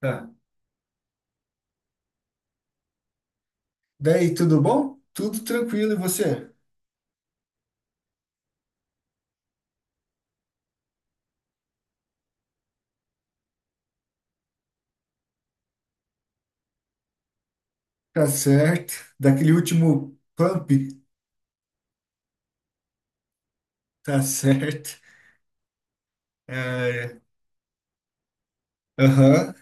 Tá. Daí, tudo bom? Tudo tranquilo, e você? Tá certo. Daquele último pump, tá certo. É, aham,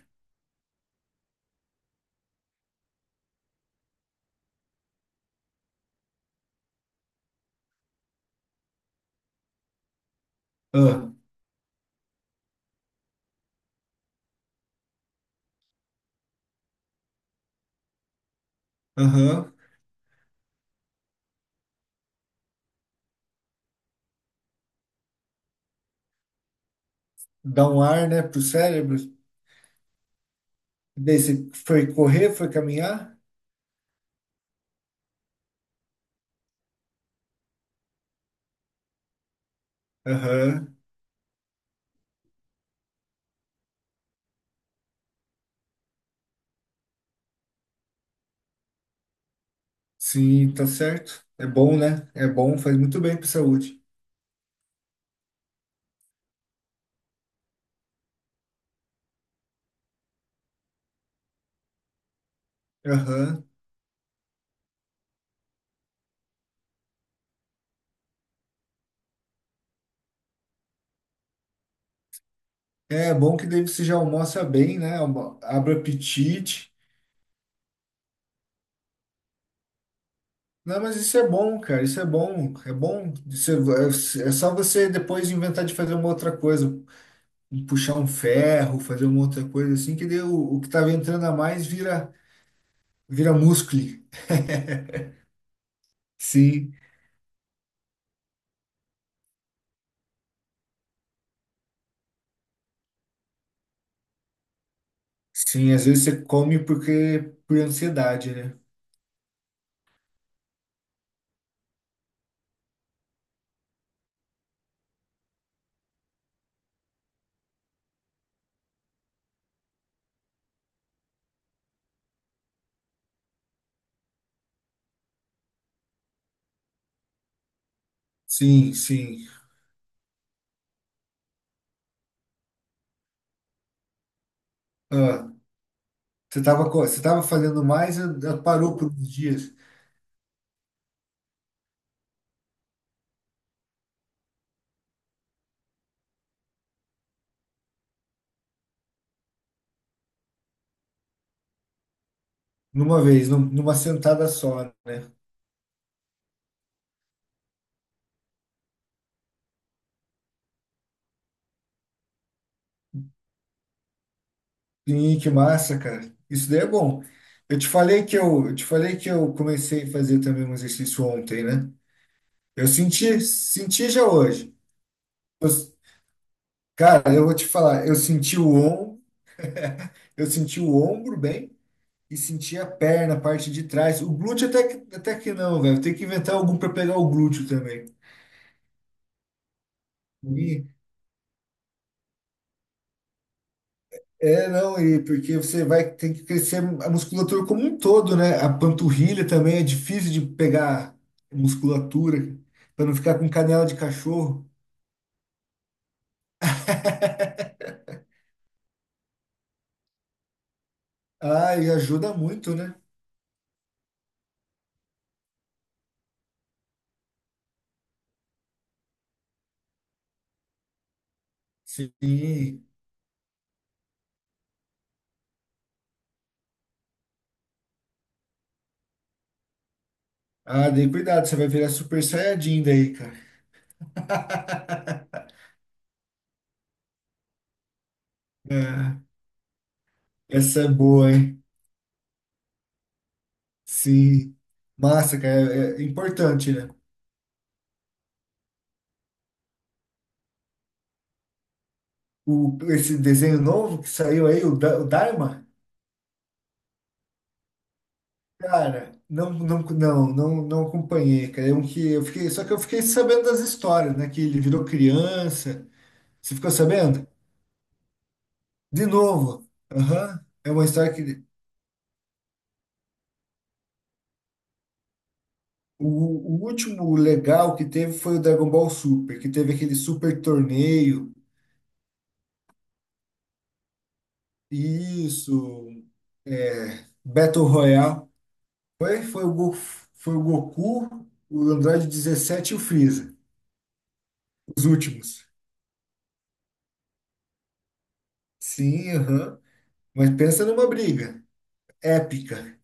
ah, aham. Dá um ar, né, pro cérebro. Daí você foi correr, foi caminhar? Aham, sim, tá certo. É bom, né? É bom, faz muito bem pra saúde. Aham. É bom que daí você já almoça bem, né? Almo- abre o apetite. Não, mas isso é bom, cara. Isso é bom. É bom. Você- é é só você depois inventar de fazer uma outra coisa, puxar um ferro, fazer uma outra coisa assim, que daí o que tava entrando a mais vira, vira músculo. Sim, sim. Às vezes você come porque por ansiedade, né? Sim, sim. Ah, você tava, co- você tava fazendo mais, ah, parou por uns dias, numa vez, num- numa sentada só, né? Sim, que massa, cara. Isso daí é bom. Eu te falei que eu te falei que eu comecei a fazer também um exercício ontem, né? Eu senti, senti já hoje. Eu- cara, eu vou te falar, eu senti o ombro, eu senti o ombro bem e senti a perna, a parte de trás. O glúteo até que não, velho. Tem que inventar algum para pegar o glúteo também. E- é, não, e porque você vai ter que crescer a musculatura como um todo, né? A panturrilha também é difícil de pegar musculatura para não ficar com canela de cachorro. Ah, e ajuda muito, né? Sim. Ah, daí cuidado, você vai virar super saiyajin daí, cara. É, essa é boa, hein? Sim. Massa, cara, é, é importante, né? O, esse desenho novo que saiu aí, o, Da- o Dharma, cara, não acompanhei, cara. É um que eu fiquei, só que eu fiquei sabendo das histórias, né? Que ele virou criança. Você ficou sabendo? De novo. Aham. É uma história que. O último legal que teve foi o Dragon Ball Super, que teve aquele super torneio. Isso. É, Battle Royale. Foi, foi o, Go- foi o Goku, o Android 17 e o Freeza. Os últimos. Sim, aham. Mas pensa numa briga épica.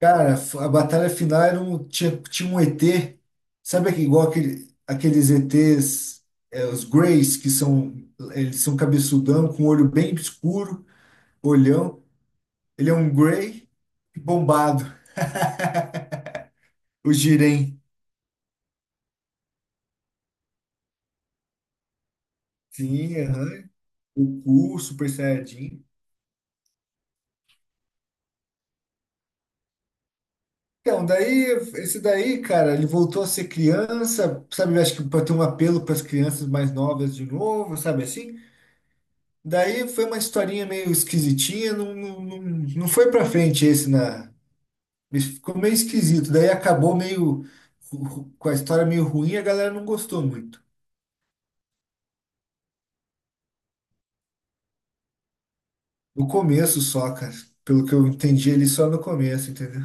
Cara, a batalha final era um, tinha, tinha um ET, sabe aquele- igual aquele, aqueles ETs, é, os Greys, que são, eles são cabeçudão, com olho bem escuro, olhão. Ele é um Grey bombado. O Jiren. Sim, aham. O Ku, Super Saiyajin. Então, daí, esse daí, cara, ele voltou a ser criança, sabe? Acho que para ter um apelo para as crianças mais novas de novo, sabe assim? Daí foi uma historinha meio esquisitinha, não foi pra frente esse na. Ficou meio esquisito. Daí acabou meio ru- ru- com a história meio ruim, a galera não gostou muito. No começo só, cara. Pelo que eu entendi ele só no começo, entendeu?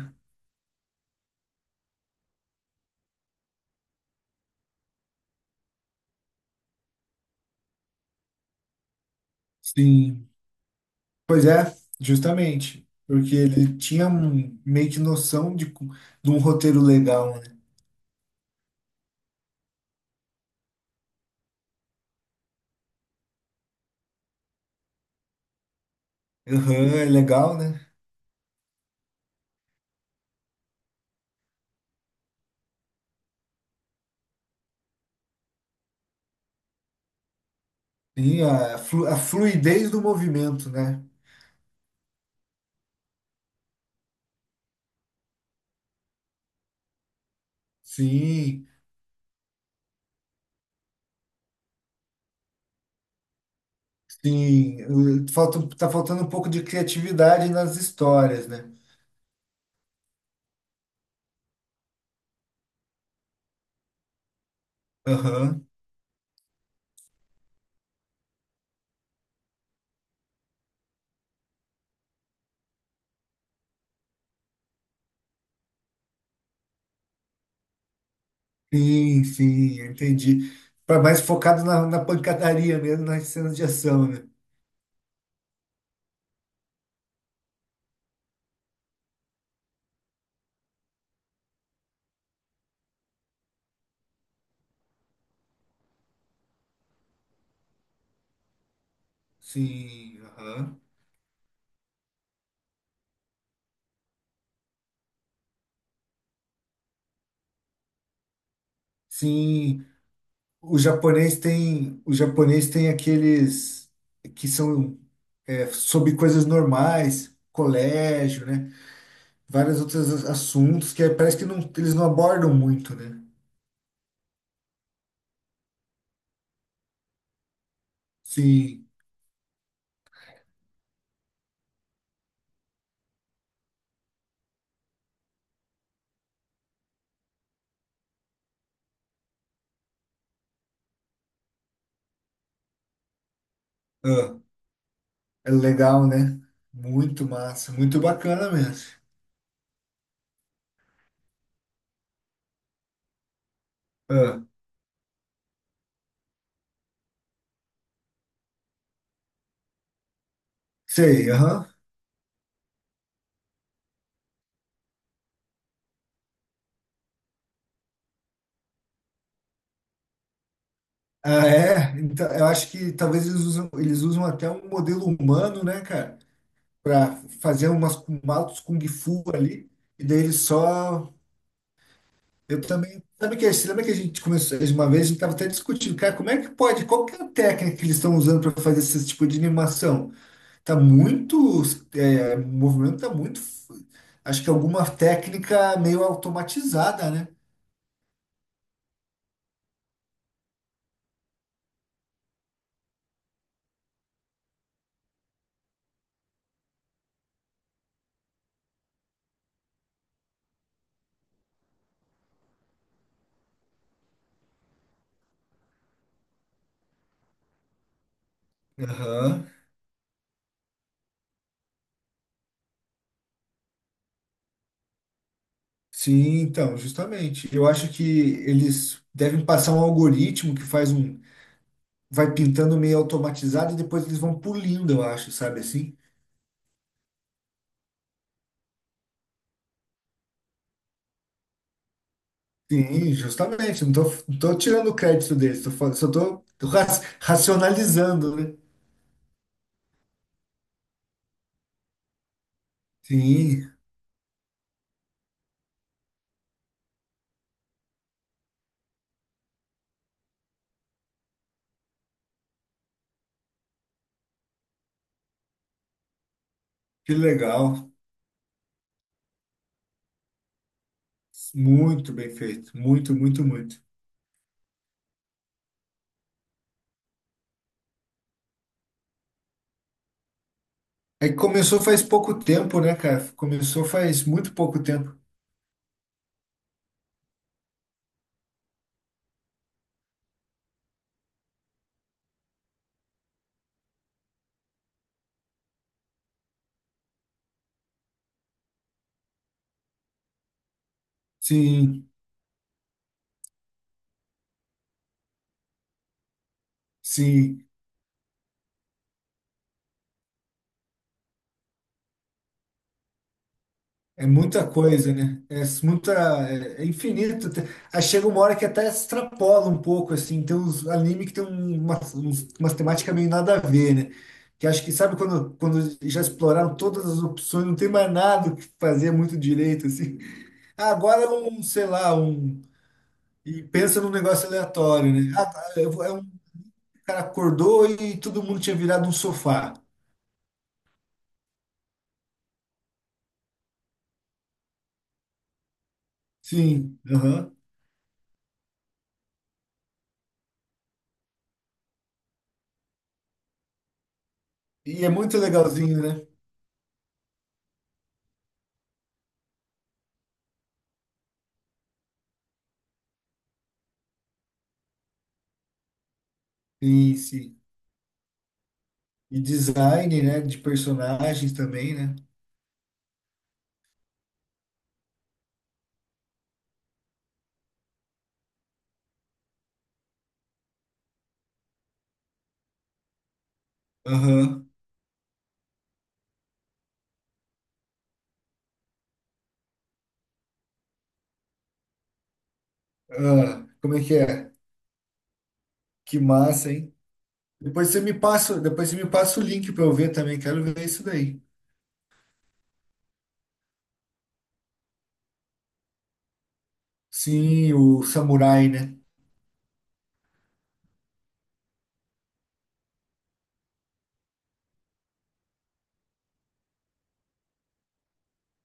Sim. Pois é, justamente. Porque ele tinha um, meio que noção de, co- de um roteiro legal, né? Aham, é legal, né? Sim, a, flu- a fluidez do movimento, né? Sim. Sim, o- falta, tá faltando um pouco de criatividade nas histórias, né? Aham. Sim, sim, entendi. Para mais focado na, na pancadaria mesmo, nas cenas de ação, né? Sim, aham. Sim, o japonês tem aqueles que são é, sobre coisas normais, colégio, né? Vários outros assuntos que é- parece que não, eles não abordam muito, né? Sim. É legal, né? Muito massa, muito bacana mesmo. Ah, sei, aham. Ah, é? Então, eu acho que talvez eles usam até um modelo humano, né, cara? Pra fazer umas maltos Kung Fu ali. E daí eles só. Eu também. Sabe que, você lembra que a gente começou uma vez, a gente tava até discutindo, cara, como é que pode? Qual que é a técnica que eles estão usando para fazer esse tipo de animação? Tá muito. É, o movimento tá muito. F- Acho que alguma técnica meio automatizada, né? Aham. Sim, então, justamente. Eu acho que eles devem passar um algoritmo que faz um, vai pintando meio automatizado e depois eles vão pulindo, eu acho, sabe assim? Sim, justamente. Não tô tirando o crédito deles, tô, falando- só tô, tô ra- racionalizando, né? Sim, que legal. Muito bem feito. Muito, muito, muito. É que começou faz pouco tempo, né, cara? Começou faz muito pouco tempo. Sim, sim. É muita coisa, né? É muita, é é infinito. Te- Aí chega uma hora que até extrapola um pouco, assim. Tem uns anime que tem um- umas, uns- umas temáticas meio nada a ver, né? Que acho que, sabe, quando já exploraram todas as opções, não tem mais nada o que fazer muito direito, assim. Ah, agora é um, sei lá, um. E pensa num negócio aleatório, né? Ah, tá, eu vou- é um cara acordou e todo mundo tinha virado um sofá. Sim, aham. E é muito legalzinho, né? Sim, sim. E design, né? De personagens também, né? Aham. Ah, como é? Que massa, hein? Depois você me passa, depois você me passa o link para eu ver também. Quero ver isso daí. Sim, o samurai, né?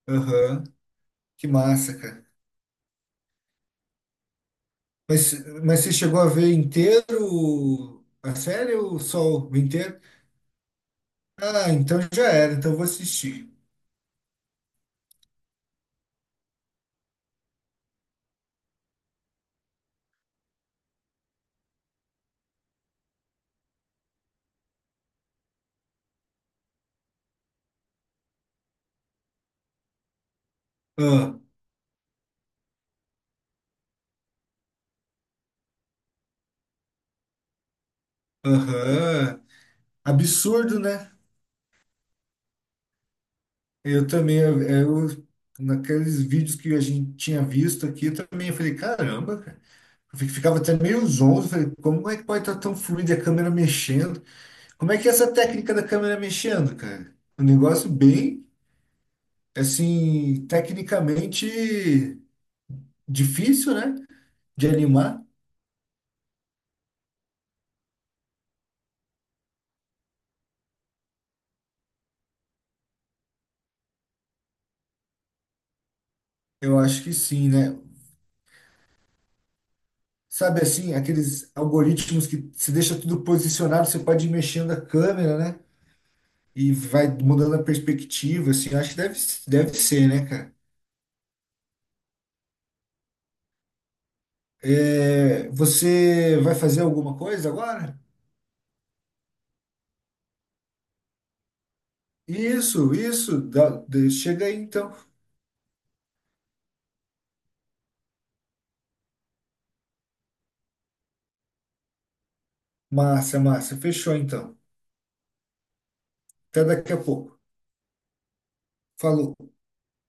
Aham. Que massa, cara. Mas, mas você chegou a ver inteiro a série ou só o inteiro? Ah, então já era. Então eu vou assistir. Ah, aham. Absurdo, né? Eu também, eu- naqueles vídeos que a gente tinha visto aqui, eu também falei, caramba, cara. Eu fi- ficava até meio zonzo, falei, como é que pode estar tão fluido a câmera mexendo? Como é que é essa técnica da câmera mexendo, cara? Um negócio bem, assim, tecnicamente difícil, né? De animar. Eu acho que sim, né? Sabe assim, aqueles algoritmos que se deixa tudo posicionado, você pode ir mexendo a câmera, né? E vai mudando a perspectiva, assim, eu acho que deve, deve ser, né, cara? É, você vai fazer alguma coisa agora? Isso, dá- de- chega aí então. Massa, massa, fechou então. Até daqui a pouco. Falou.